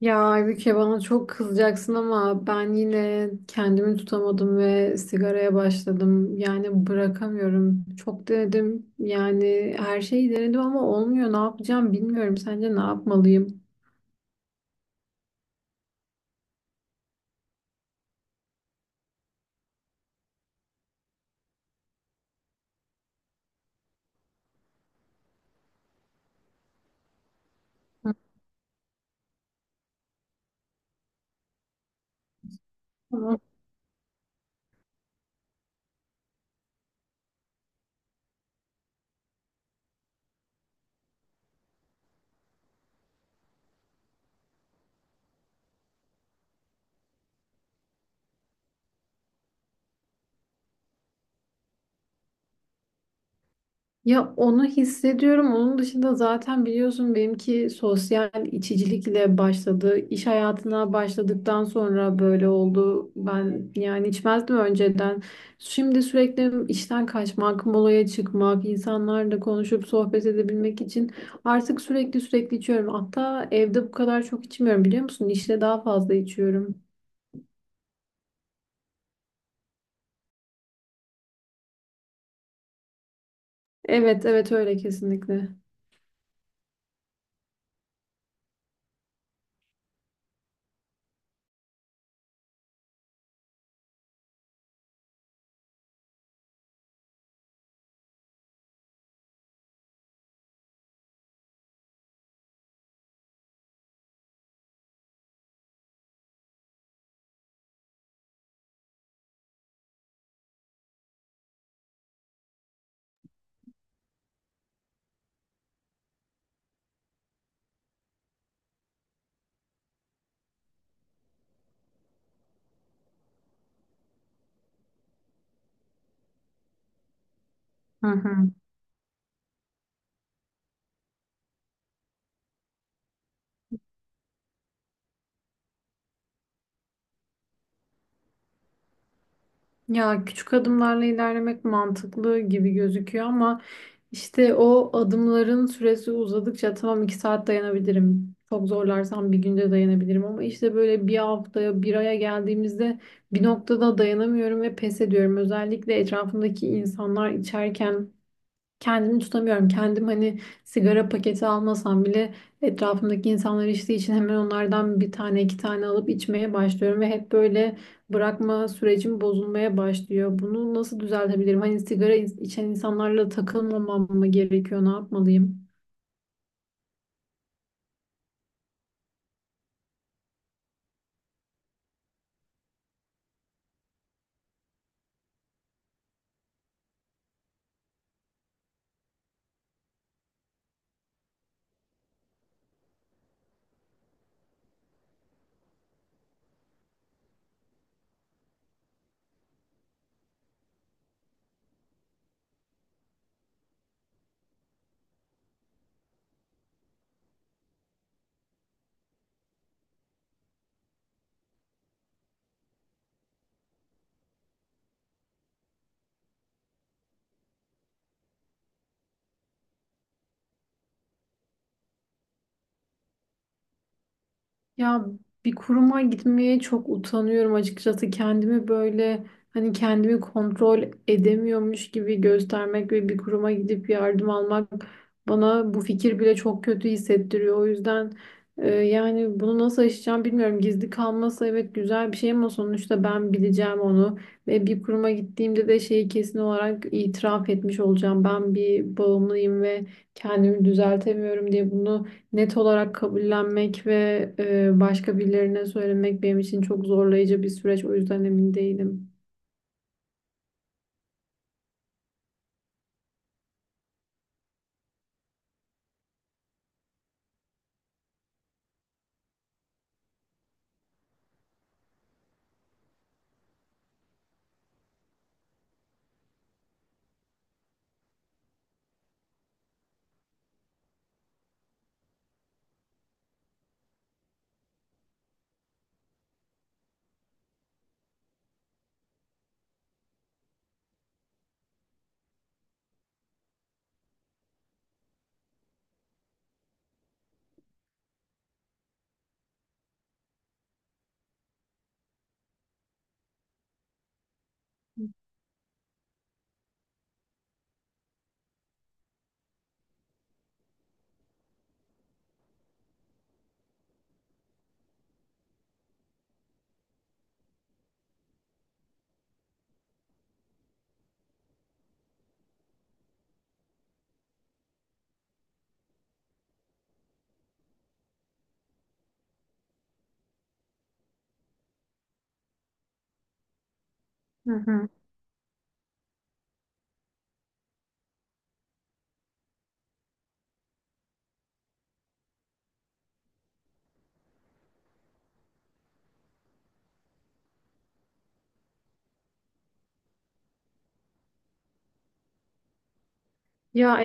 Ya Aybüke, bana çok kızacaksın ama ben yine kendimi tutamadım ve sigaraya başladım. Yani bırakamıyorum. Çok denedim. Yani her şeyi denedim ama olmuyor. Ne yapacağım bilmiyorum. Sence ne yapmalıyım? Hı. Ya onu hissediyorum. Onun dışında zaten biliyorsun, benimki sosyal içicilikle başladı. İş hayatına başladıktan sonra böyle oldu. Ben yani içmezdim önceden. Şimdi sürekli işten kaçmak, molaya çıkmak, insanlarla konuşup sohbet edebilmek için artık sürekli içiyorum. Hatta evde bu kadar çok içmiyorum, biliyor musun? İşte daha fazla içiyorum. Evet, evet, öyle kesinlikle. Hı hı. Ya küçük adımlarla ilerlemek mantıklı gibi gözüküyor ama İşte o adımların süresi uzadıkça, tamam iki saat dayanabilirim, çok zorlarsam bir günde dayanabilirim, ama işte böyle bir haftaya, bir aya geldiğimizde bir noktada dayanamıyorum ve pes ediyorum. Özellikle etrafımdaki insanlar içerken kendimi tutamıyorum. Kendim hani sigara paketi almasam bile etrafımdaki insanlar içtiği için hemen onlardan bir tane iki tane alıp içmeye başlıyorum ve hep böyle bırakma sürecim bozulmaya başlıyor. Bunu nasıl düzeltebilirim? Hani sigara içen insanlarla takılmamam mı gerekiyor? Ne yapmalıyım? Ya bir kuruma gitmeye çok utanıyorum açıkçası. Kendimi böyle, hani kendimi kontrol edemiyormuş gibi göstermek ve bir kuruma gidip yardım almak, bana bu fikir bile çok kötü hissettiriyor. O yüzden yani bunu nasıl aşacağım bilmiyorum. Gizli kalması, evet, güzel bir şey ama sonuçta ben bileceğim onu ve bir kuruma gittiğimde de şeyi kesin olarak itiraf etmiş olacağım. Ben bir bağımlıyım ve kendimi düzeltemiyorum diye bunu net olarak kabullenmek ve başka birilerine söylemek benim için çok zorlayıcı bir süreç. O yüzden emin değilim. Hı hı. Ya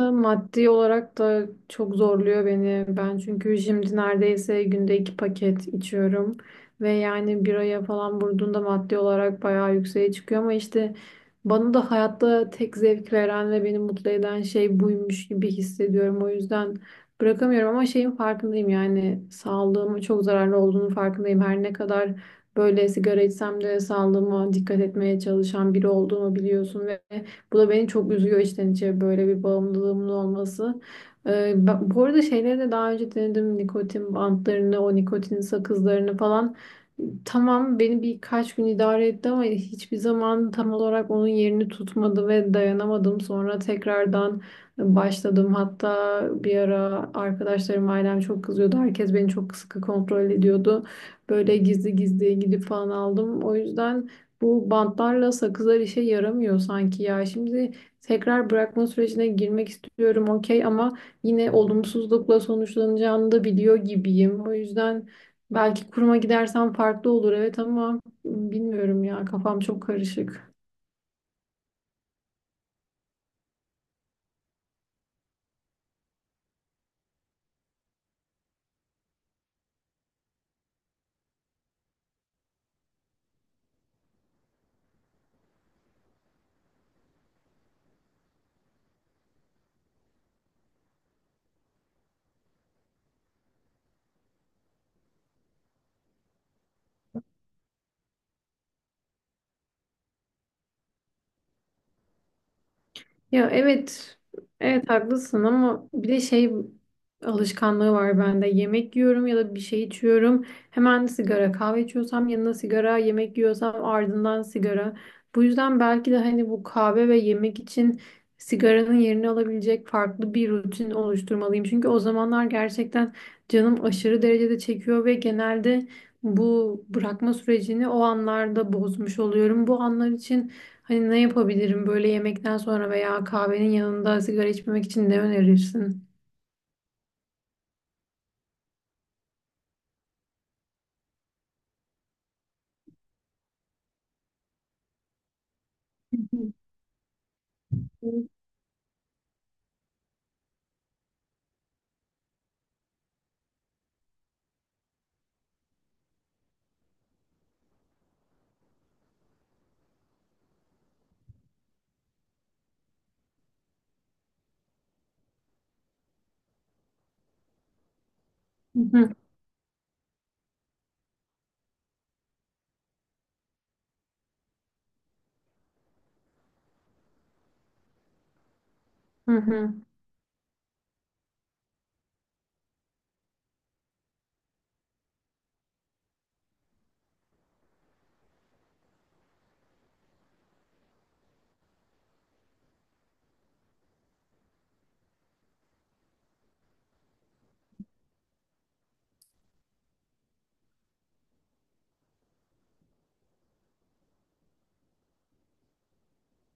maddi olarak da çok zorluyor beni. Ben çünkü şimdi neredeyse günde iki paket içiyorum. Ve yani bir aya falan vurduğunda maddi olarak bayağı yükseğe çıkıyor. Ama işte bana da hayatta tek zevk veren ve beni mutlu eden şey buymuş gibi hissediyorum. O yüzden bırakamıyorum ama şeyin farkındayım, yani sağlığıma çok zararlı olduğunu farkındayım. Her ne kadar böyle sigara içsem de sağlığıma dikkat etmeye çalışan biri olduğumu biliyorsun ve bu da beni çok üzüyor, içten içe böyle bir bağımlılığımın olması. Bu arada şeyleri de daha önce denedim. Nikotin bantlarını, o nikotin sakızlarını falan. Tamam, beni birkaç gün idare etti ama hiçbir zaman tam olarak onun yerini tutmadı ve dayanamadım. Sonra tekrardan başladım. Hatta bir ara arkadaşlarım, ailem çok kızıyordu. Herkes beni çok sıkı kontrol ediyordu. Böyle gizli gizli gidip falan aldım. O yüzden bu bantlarla sakızlar işe yaramıyor sanki ya. Şimdi tekrar bırakma sürecine girmek istiyorum, okey, ama yine olumsuzlukla sonuçlanacağını da biliyor gibiyim. O yüzden belki kuruma gidersem farklı olur, evet, ama bilmiyorum ya, kafam çok karışık. Ya evet, evet haklısın ama bir de şey alışkanlığı var bende. Yemek yiyorum ya da bir şey içiyorum. Hemen sigara, kahve içiyorsam yanına sigara, yemek yiyorsam ardından sigara. Bu yüzden belki de hani bu kahve ve yemek için sigaranın yerini alabilecek farklı bir rutin oluşturmalıyım. Çünkü o zamanlar gerçekten canım aşırı derecede çekiyor ve genelde bu bırakma sürecini o anlarda bozmuş oluyorum. Bu anlar için hani ne yapabilirim, böyle yemekten sonra veya kahvenin yanında sigara içmemek için ne önerirsin? Hı hı. Hı hı hı. Hı.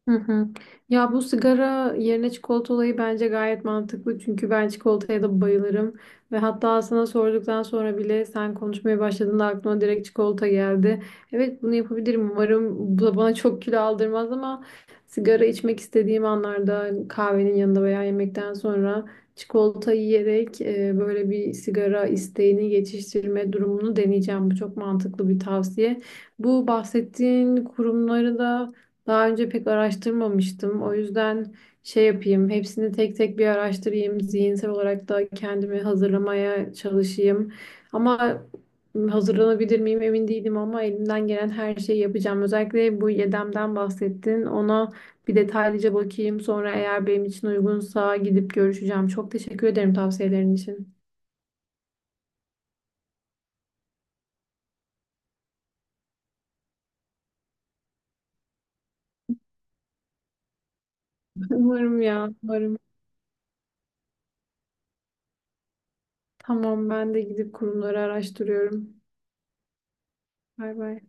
Hı hı. Ya bu sigara yerine çikolata olayı bence gayet mantıklı. Çünkü ben çikolataya da bayılırım. Ve hatta sana sorduktan sonra bile, sen konuşmaya başladığında aklıma direkt çikolata geldi. Evet, bunu yapabilirim. Umarım bu da bana çok kilo aldırmaz ama sigara içmek istediğim anlarda kahvenin yanında veya yemekten sonra çikolata yiyerek böyle bir sigara isteğini geçiştirme durumunu deneyeceğim. Bu çok mantıklı bir tavsiye. Bu bahsettiğin kurumları da daha önce pek araştırmamıştım. O yüzden şey yapayım, hepsini tek tek bir araştırayım. Zihinsel olarak da kendimi hazırlamaya çalışayım. Ama hazırlanabilir miyim emin değilim, ama elimden gelen her şeyi yapacağım. Özellikle bu Yedem'den bahsettin. Ona bir detaylıca bakayım. Sonra eğer benim için uygunsa gidip görüşeceğim. Çok teşekkür ederim tavsiyelerin için. Umarım ya, umarım. Tamam, ben de gidip kurumları araştırıyorum. Bay bay.